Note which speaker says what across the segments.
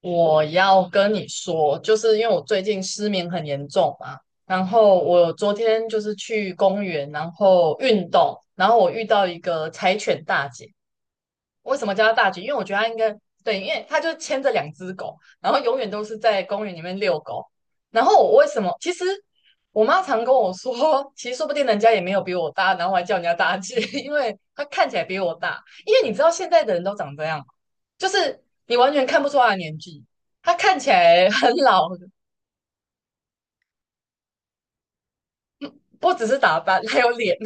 Speaker 1: 我要跟你说，就是因为我最近失眠很严重嘛，然后我昨天就是去公园，然后运动，然后我遇到一个柴犬大姐，为什么叫它大姐？因为我觉得它应该对，因为它就牵着两只狗，然后永远都是在公园里面遛狗。然后我为什么？其实我妈常跟我说，其实说不定人家也没有比我大，然后还叫人家大姐，因为她看起来比我大。因为你知道现在的人都长这样嘛就是你完全看不出她的年纪，她看起来很老，不只是打扮，还有脸。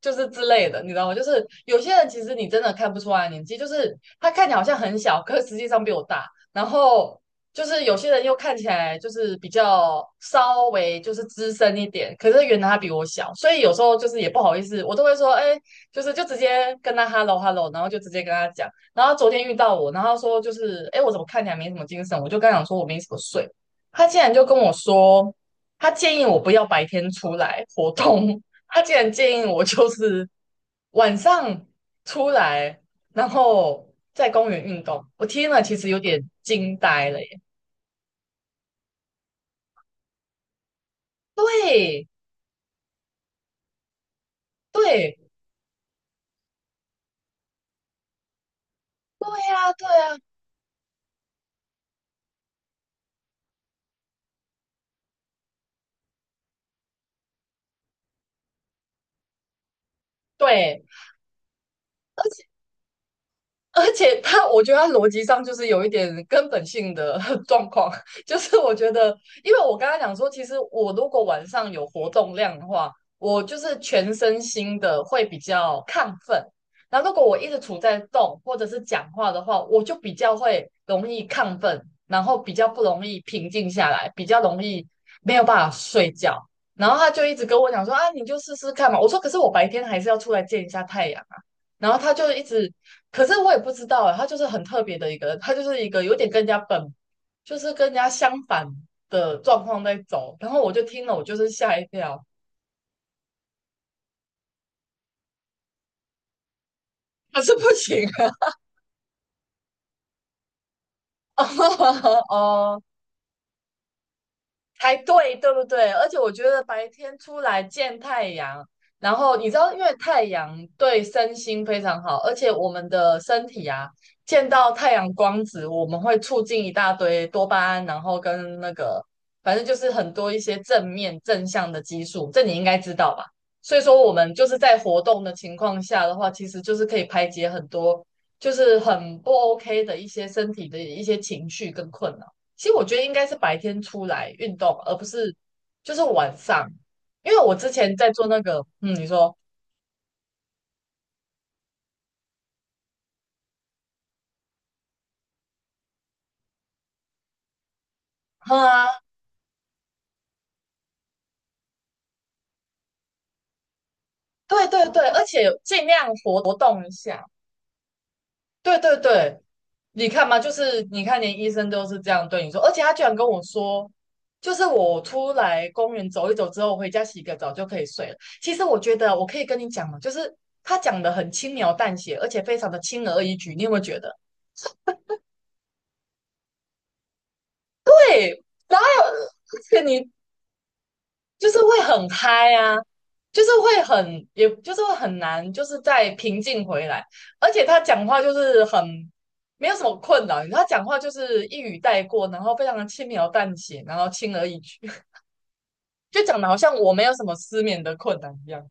Speaker 1: 就是之类的，你知道吗？就是有些人其实你真的看不出来年纪，就是他看起来好像很小，可是实际上比我大。然后就是有些人又看起来就是比较稍微就是资深一点，可是原来他比我小，所以有时候就是也不好意思，我都会说，哎、就是就直接跟他 hello，然后就直接跟他讲。然后昨天遇到我，然后他说就是，哎、我怎么看起来没什么精神？我就跟他讲说我没什么睡，他竟然就跟我说。他建议我不要白天出来活动，他竟然建议我就是晚上出来，然后在公园运动。我听了其实有点惊呆了耶！对对对啊，对啊，对，而且他，我觉得他逻辑上就是有一点根本性的 状况，就是我觉得，因为我刚才讲说，其实我如果晚上有活动量的话，我就是全身心的会比较亢奋。那如果我一直处在动或者是讲话的话，我就比较会容易亢奋，然后比较不容易平静下来，比较容易没有办法睡觉。然后他就一直跟我讲说啊，你就试试看嘛。我说可是我白天还是要出来见一下太阳啊。然后他就一直可是我也不知道哎，他就是很特别的一个，他就是一个有点跟人家本，就是跟人家相反的状况在走。然后我就听了，我就是吓一跳，可是不行啊。哦哦才对，对不对？而且我觉得白天出来见太阳，然后你知道，因为太阳对身心非常好，而且我们的身体啊，见到太阳光子，我们会促进一大堆多巴胺，然后跟那个，反正就是很多一些正面正向的激素，这你应该知道吧？所以说，我们就是在活动的情况下的话，其实就是可以排解很多，就是很不 OK 的一些身体的一些情绪跟困扰。其实我觉得应该是白天出来运动，而不是就是晚上，因为我之前在做那个，你说，哼啊，对对对，而且尽量活活动一下，对对对，你看嘛，就是你看连医生都是这样对你说，而且他居然跟我说，就是我出来公园走一走之后，回家洗个澡就可以睡了。其实我觉得我可以跟你讲嘛，就是他讲的很轻描淡写，而且非常的轻而易举，你有没有觉得？然后有，而且你就是会很嗨啊，就是会很，也就是会很难，就是再平静回来。而且他讲话就是很没有什么困扰，他讲话就是一语带过，然后非常的轻描淡写，然后轻而易举，就讲的好像我没有什么失眠的困难一样。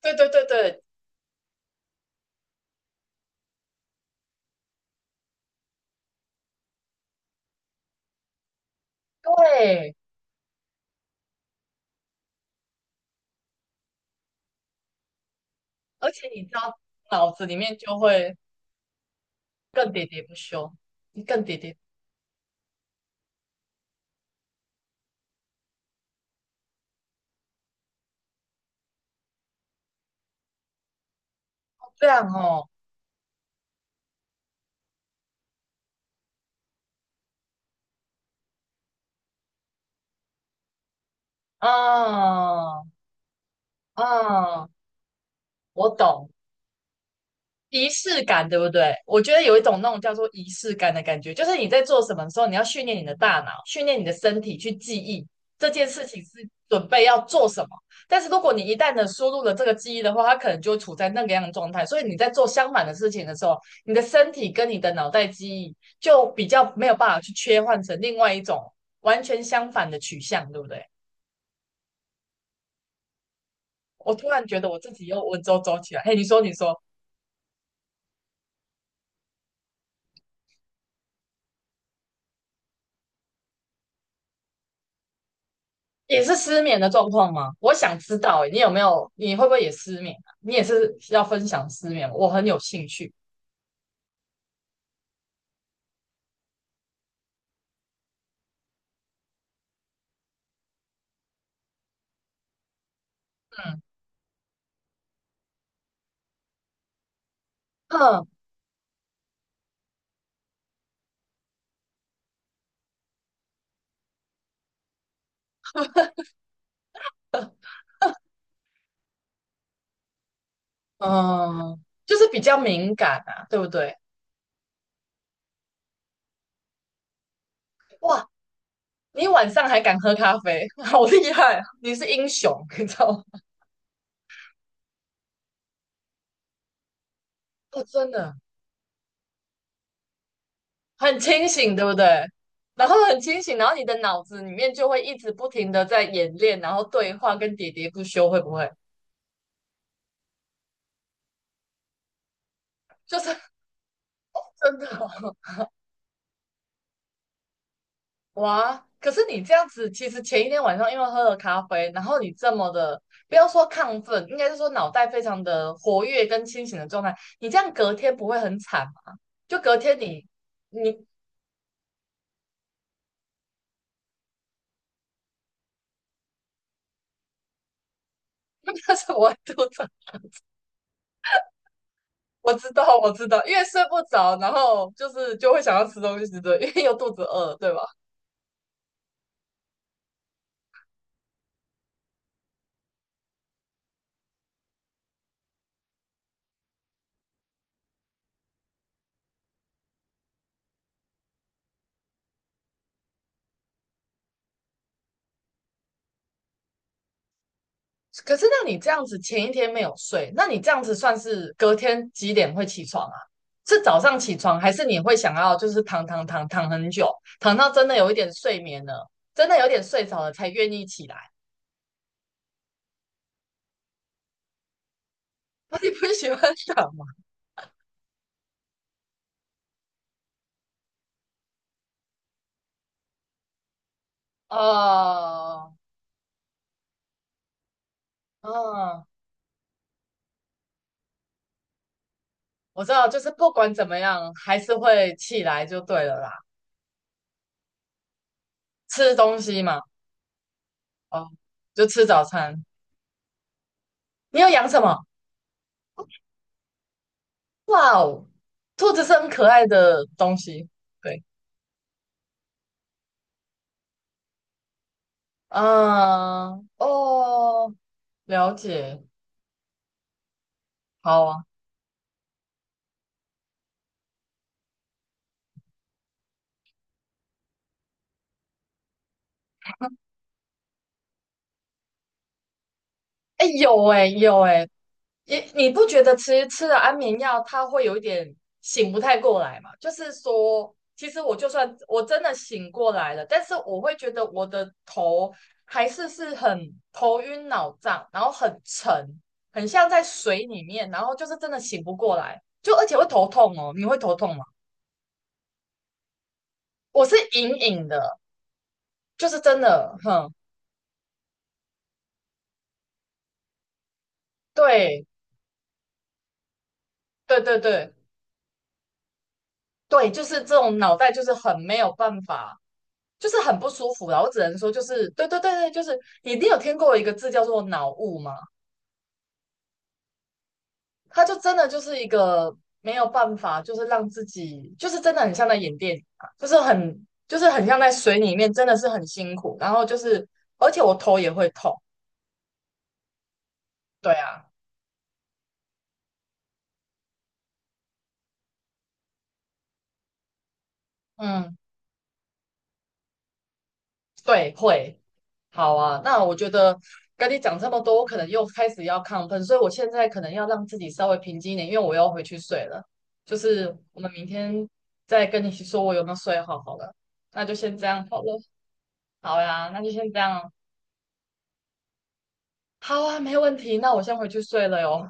Speaker 1: 对对对对对，而且你知道，脑子里面就会更喋喋不休，更喋喋，这样哦，啊啊，我懂。仪式感，对不对？我觉得有一种那种叫做仪式感的感觉，就是你在做什么的时候，你要训练你的大脑，训练你的身体去记忆这件事情是准备要做什么。但是如果你一旦的输入了这个记忆的话，它可能就会处在那个样的状态。所以你在做相反的事情的时候，你的身体跟你的脑袋记忆就比较没有办法去切换成另外一种完全相反的取向，对不对？我突然觉得我自己又稳绉绉起来。嘿，你说，你说。也是失眠的状况吗？我想知道、欸你有没有？你会不会也失眠啊？你也是要分享失眠我很有兴趣。嗯嗯，嗯，就是比较敏感啊，对不对？哇，你晚上还敢喝咖啡，好厉害啊你是英雄，你知道吗？哦，真的很清醒，对不对？然后很清醒，然后你的脑子里面就会一直不停的在演练，然后对话跟喋喋不休，会不会？就是 真的哦哇，可是你这样子，其实前一天晚上因为喝了咖啡，然后你这么的，不要说亢奋，应该是说脑袋非常的活跃跟清醒的状态，你这样隔天不会很惨吗？就隔天你 那是我会吐槽，我知道，因为睡不着，然后就是就会想要吃东西，对不对，因为又肚子饿，对吧？可是那你这样子前一天没有睡，那你这样子算是隔天几点会起床啊？是早上起床，还是你会想要就是躺很久，躺到真的有一点睡眠了，真的有点睡着了才愿意起来？那你不喜欢躺吗？哦，嗯，我知道，就是不管怎么样，还是会起来就对了啦。吃东西嘛，哦，就吃早餐。你有养什么？哇哦，兔子是很可爱的东西。对。嗯，哦，了解，好啊，哎，有哎，有哎，你你不觉得其实吃了安眠药，它会有一点醒不太过来嘛？就是说，其实我就算我真的醒过来了，但是我会觉得我的头还是是很头晕脑胀，然后很沉，很像在水里面，然后就是真的醒不过来，就而且会头痛哦，你会头痛吗？我是隐隐的，就是真的，哼，对，对对对。对，就是这种脑袋就是很没有办法，就是很不舒服啦。我只能说，就是对对对对，就是你一定有听过一个字叫做脑雾吗？它就真的就是一个没有办法，就是让自己就是真的很像在演电影啊，就是很就是很像在水里面，真的是很辛苦。然后就是，而且我头也会痛。对啊，嗯对，会。好啊，那我觉得跟你讲这么多，我可能又开始要亢奋，所以我现在可能要让自己稍微平静一点，因为我要回去睡了。就是我们明天再跟你说我有没有睡好好了，那就先这样好了。好呀，那就先这样。好啊，没问题。那我先回去睡了哟。